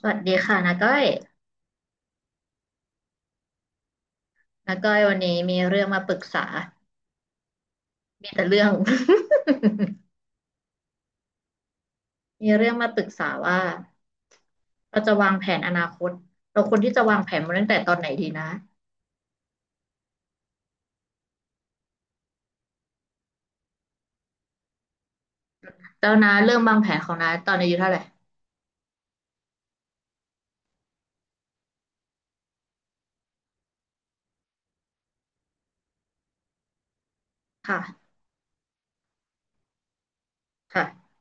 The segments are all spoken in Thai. สวัสดีค่ะนาก้อยนาก้อยวันนี้มีเรื่องมาปรึกษามีแต่เรื่อง มีเรื่องมาปรึกษาว่าเราจะวางแผนอนาคตเราควรที่จะวางแผนมาตั้งแต่ตอนไหนดีนะแล้วนาเริ่มวางแผนของนาตอนอายุเท่าไหร่ค่ะค่ะ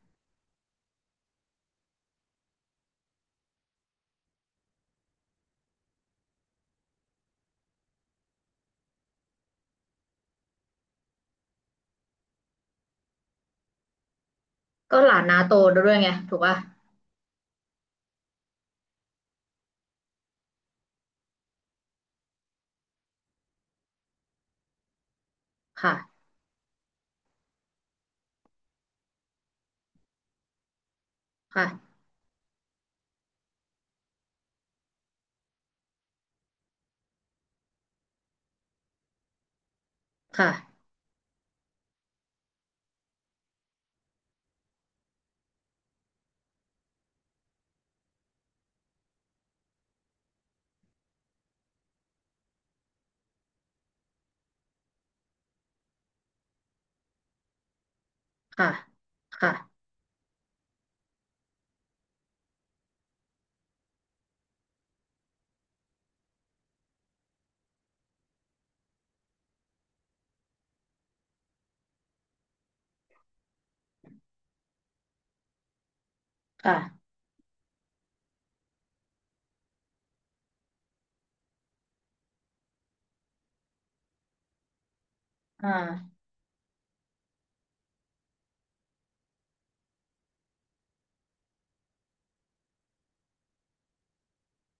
ก็หลานนาโตด้วยไงถูกป่ะค่ะค่ะค่ะค่ะค่ะค่ะค่ะอ่า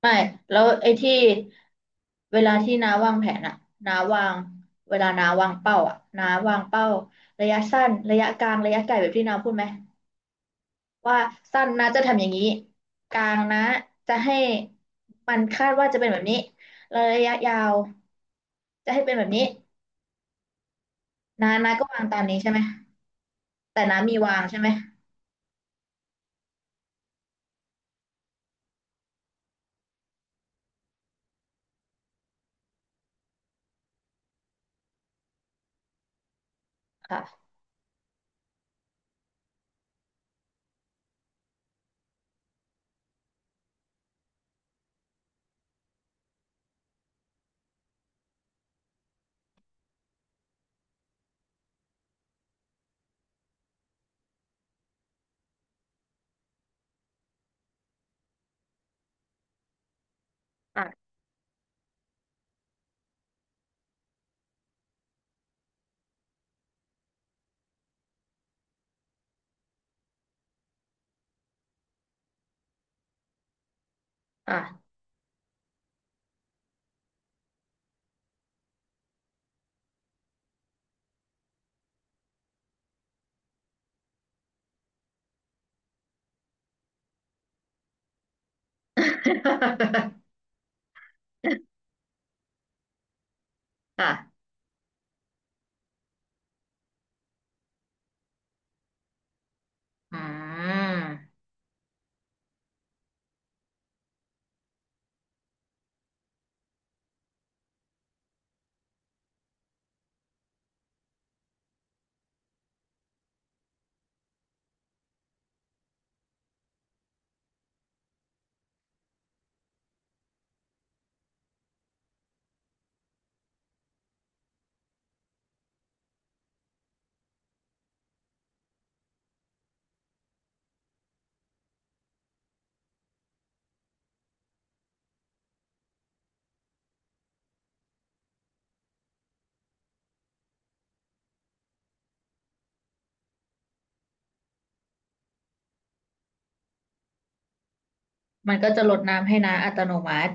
ไม่แล้วไอ้ที่เวลาที่น้าวางแผนอะน้าวางเวลาน้าวางเป้าอะน้าวางเป้าระยะสั้นระยะกลางระยะไกลแบบที่น้าพูดไหมว่าสั้นน้าจะทำอย่างนี้กลางนะจะให้มันคาดว่าจะเป็นแบบนี้แล้วระยะยาวจะให้เป็นแบบนี้น้าก็วางตามนี้ใช่ไหมแต่น้ามีวางใช่ไหมค่ะอ่ะอ่ะ อ่ะอ่ามันก็จะลดน้ำให้น้าอัตโนมัติ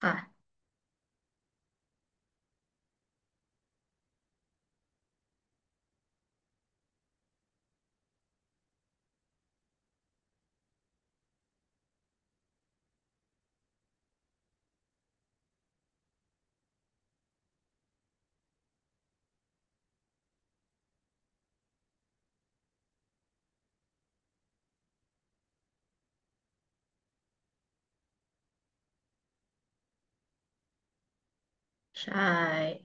ค่ะ ใช่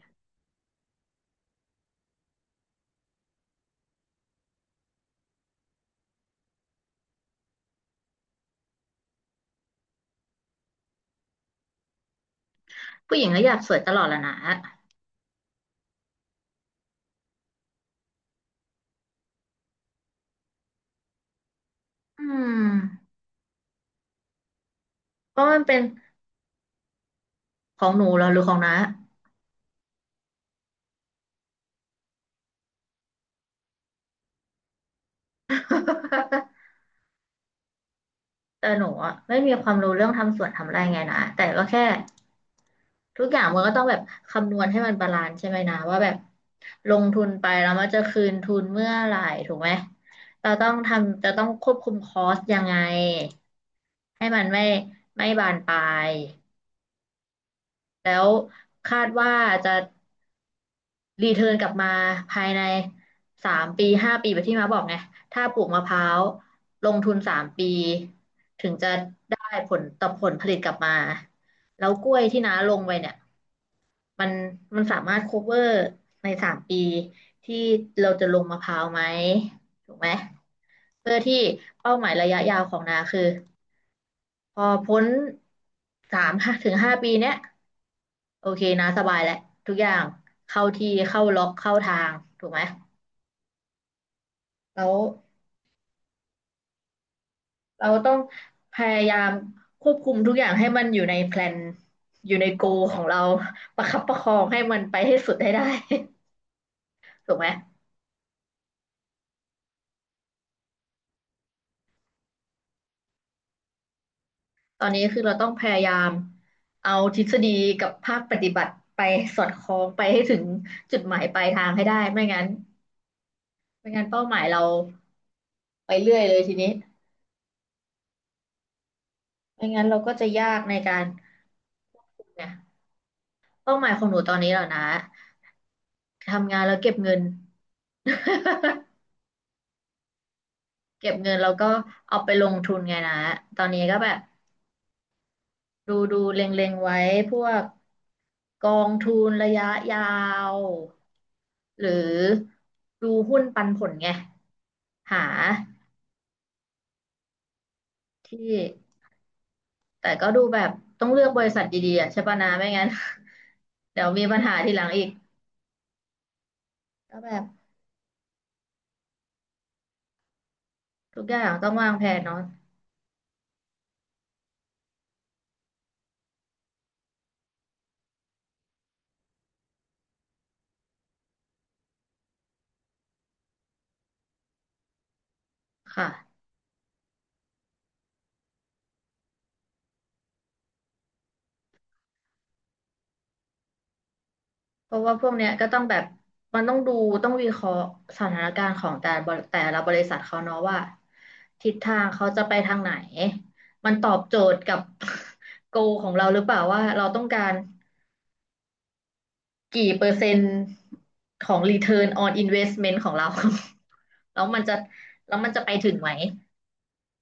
ผู้หญิงก็อยากสวยตลอดแหละนะอืมเพราะมันเป็นของหนูเหรอหรือของน้า แต่หนูอะไม่มีความรู้เรื่องทำสวนทำไร่ไงนะแต่ก็แค่ทุกอย่างมันก็ต้องแบบคำนวณให้มันบาลานซ์ใช่ไหมนะว่าแบบลงทุนไปแล้วมันจะคืนทุนเมื่อไหร่ถูกไหมเราต้องทำจะต้องควบคุมคอสยังไงให้มันไม่ไม่บานปลายแล้วคาดว่าจะ รีเทิร์นกลับมาภายใน3 ปี 5 ปีแบบที่มาบอกไงถ้าปลูกมะพร้าวลงทุนสามปีถึงจะได้ผลต่อผลผลิตกลับมาแล้วกล้วยที่น้าลงไปเนี่ยมันมันสามารถ cover ใน3 ปีที่เราจะลงมะพร้าวไหมถูกไหมเพื่อที่เป้าหมายระยะยาวของนาคือ พอพ้น3 ถึง 5 ปีเนี้ยโอเคนะสบายแหละทุกอย่างเข้าที่เข้าล็อกเข้าทางถูกไหมแล้วเราต้องพยายามควบคุมทุกอย่างให้มันอยู่ในแพลนอยู่ในโกของเราประคับประคองให้มันไปให้สุดให้ได้ ถูกไหมตอนนี้คือเราต้องพยายามเอาทฤษฎีกับภาคปฏิบัติไปสอดคล้องไปให้ถึงจุดหมายปลายทางให้ได้ไม่งั้นเป้าหมายเราไปเรื่อยเลยทีนี้ ไม่งั้นเราก็จะยากในการเนี่ยเป้าหมายของหนูตอนนี้เหรอนะทำงานแล้วเก็บเงิน เก็บเงินแล้วก็เอาไปลงทุนไงนะตอนนี้ก็แบบดูเล็งๆไว้พวกกองทุนระยะยาวหรือดูหุ้นปันผลไงหาที่แต่ก็ดูแบบต้องเลือกบริษัทดีๆอะใช่ปะนะไม่งั้น เดี๋ยวมีปัญหาทีหลังอีกก็แบบทุกอย่างต้องวางแผนเนาะค่ะ เพราะว่าพวกเนี้ยก็ต้องแบบมันต้องดูต้องวิเคราะห์สถานการณ์ของแต่ละบริษัทเขาเนาะว่าทิศทางเขาจะไปทางไหนมันตอบโจทย์กับ โกของเราหรือเปล่าว่าเราต้องการกี่เปอร์เซ็นต์ของ Return on Investment ของเรา แล้วมันจะแล้วมันจะไปถึงไหม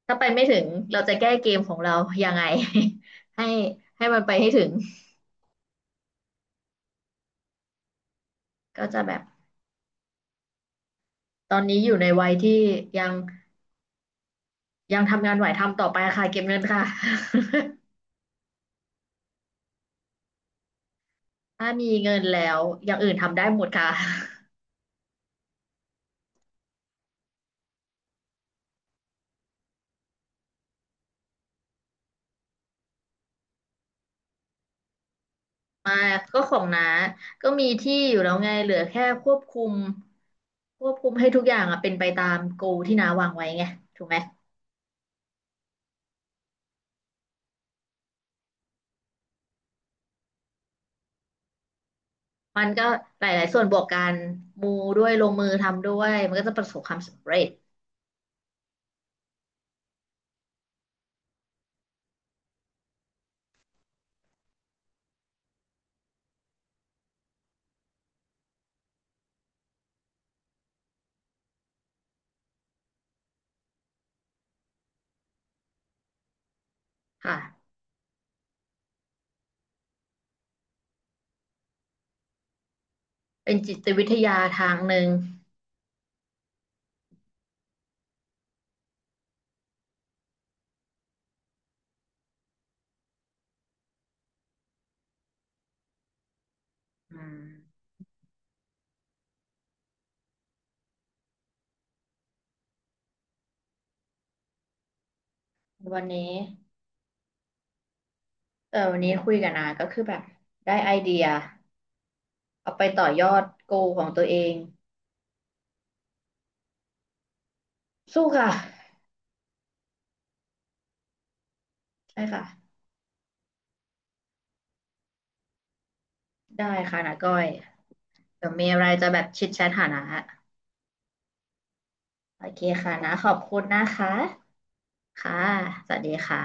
ถ้าไปไม่ถึงเราจะแก้เกมของเรายังไง ให้ให้มันไปให้ถึงก็จะแบบตอนนี้อยู่ในวัยที่ยัง ยังทำงานไหวทำต่อไปค่ะเก็บเงินค่ะ ถ้ามีเงินแล้วอย่างอื่นทำได้หมดค่ะมาก็ของน้าก็มีที่อยู่แล้วไงเหลือแค่ควบคุมให้ทุกอย่างอะเป็นไปตามโกที่น้าวางไว้ไงถูกไหมมันก็หลายๆส่วนบวกกันมูด้วยลงมือทำด้วยมันก็จะประสบความสำเร็จค่ะเป็นจิตวิทยาทางหนึ่งอืมวันนี้เออวันนี้คุยกับนาก็คือแบบได้ไอเดียเอาไปต่อยอดโกของตัวเอง สู้ค่ะใช่ค่ะได้ค่ะนาก้อยเดี๋ยวมีอะไรจะแบบชิดแชทหานะโอเคค่ะนะขอบคุณนะคะค่ะสวัสดีค่ะ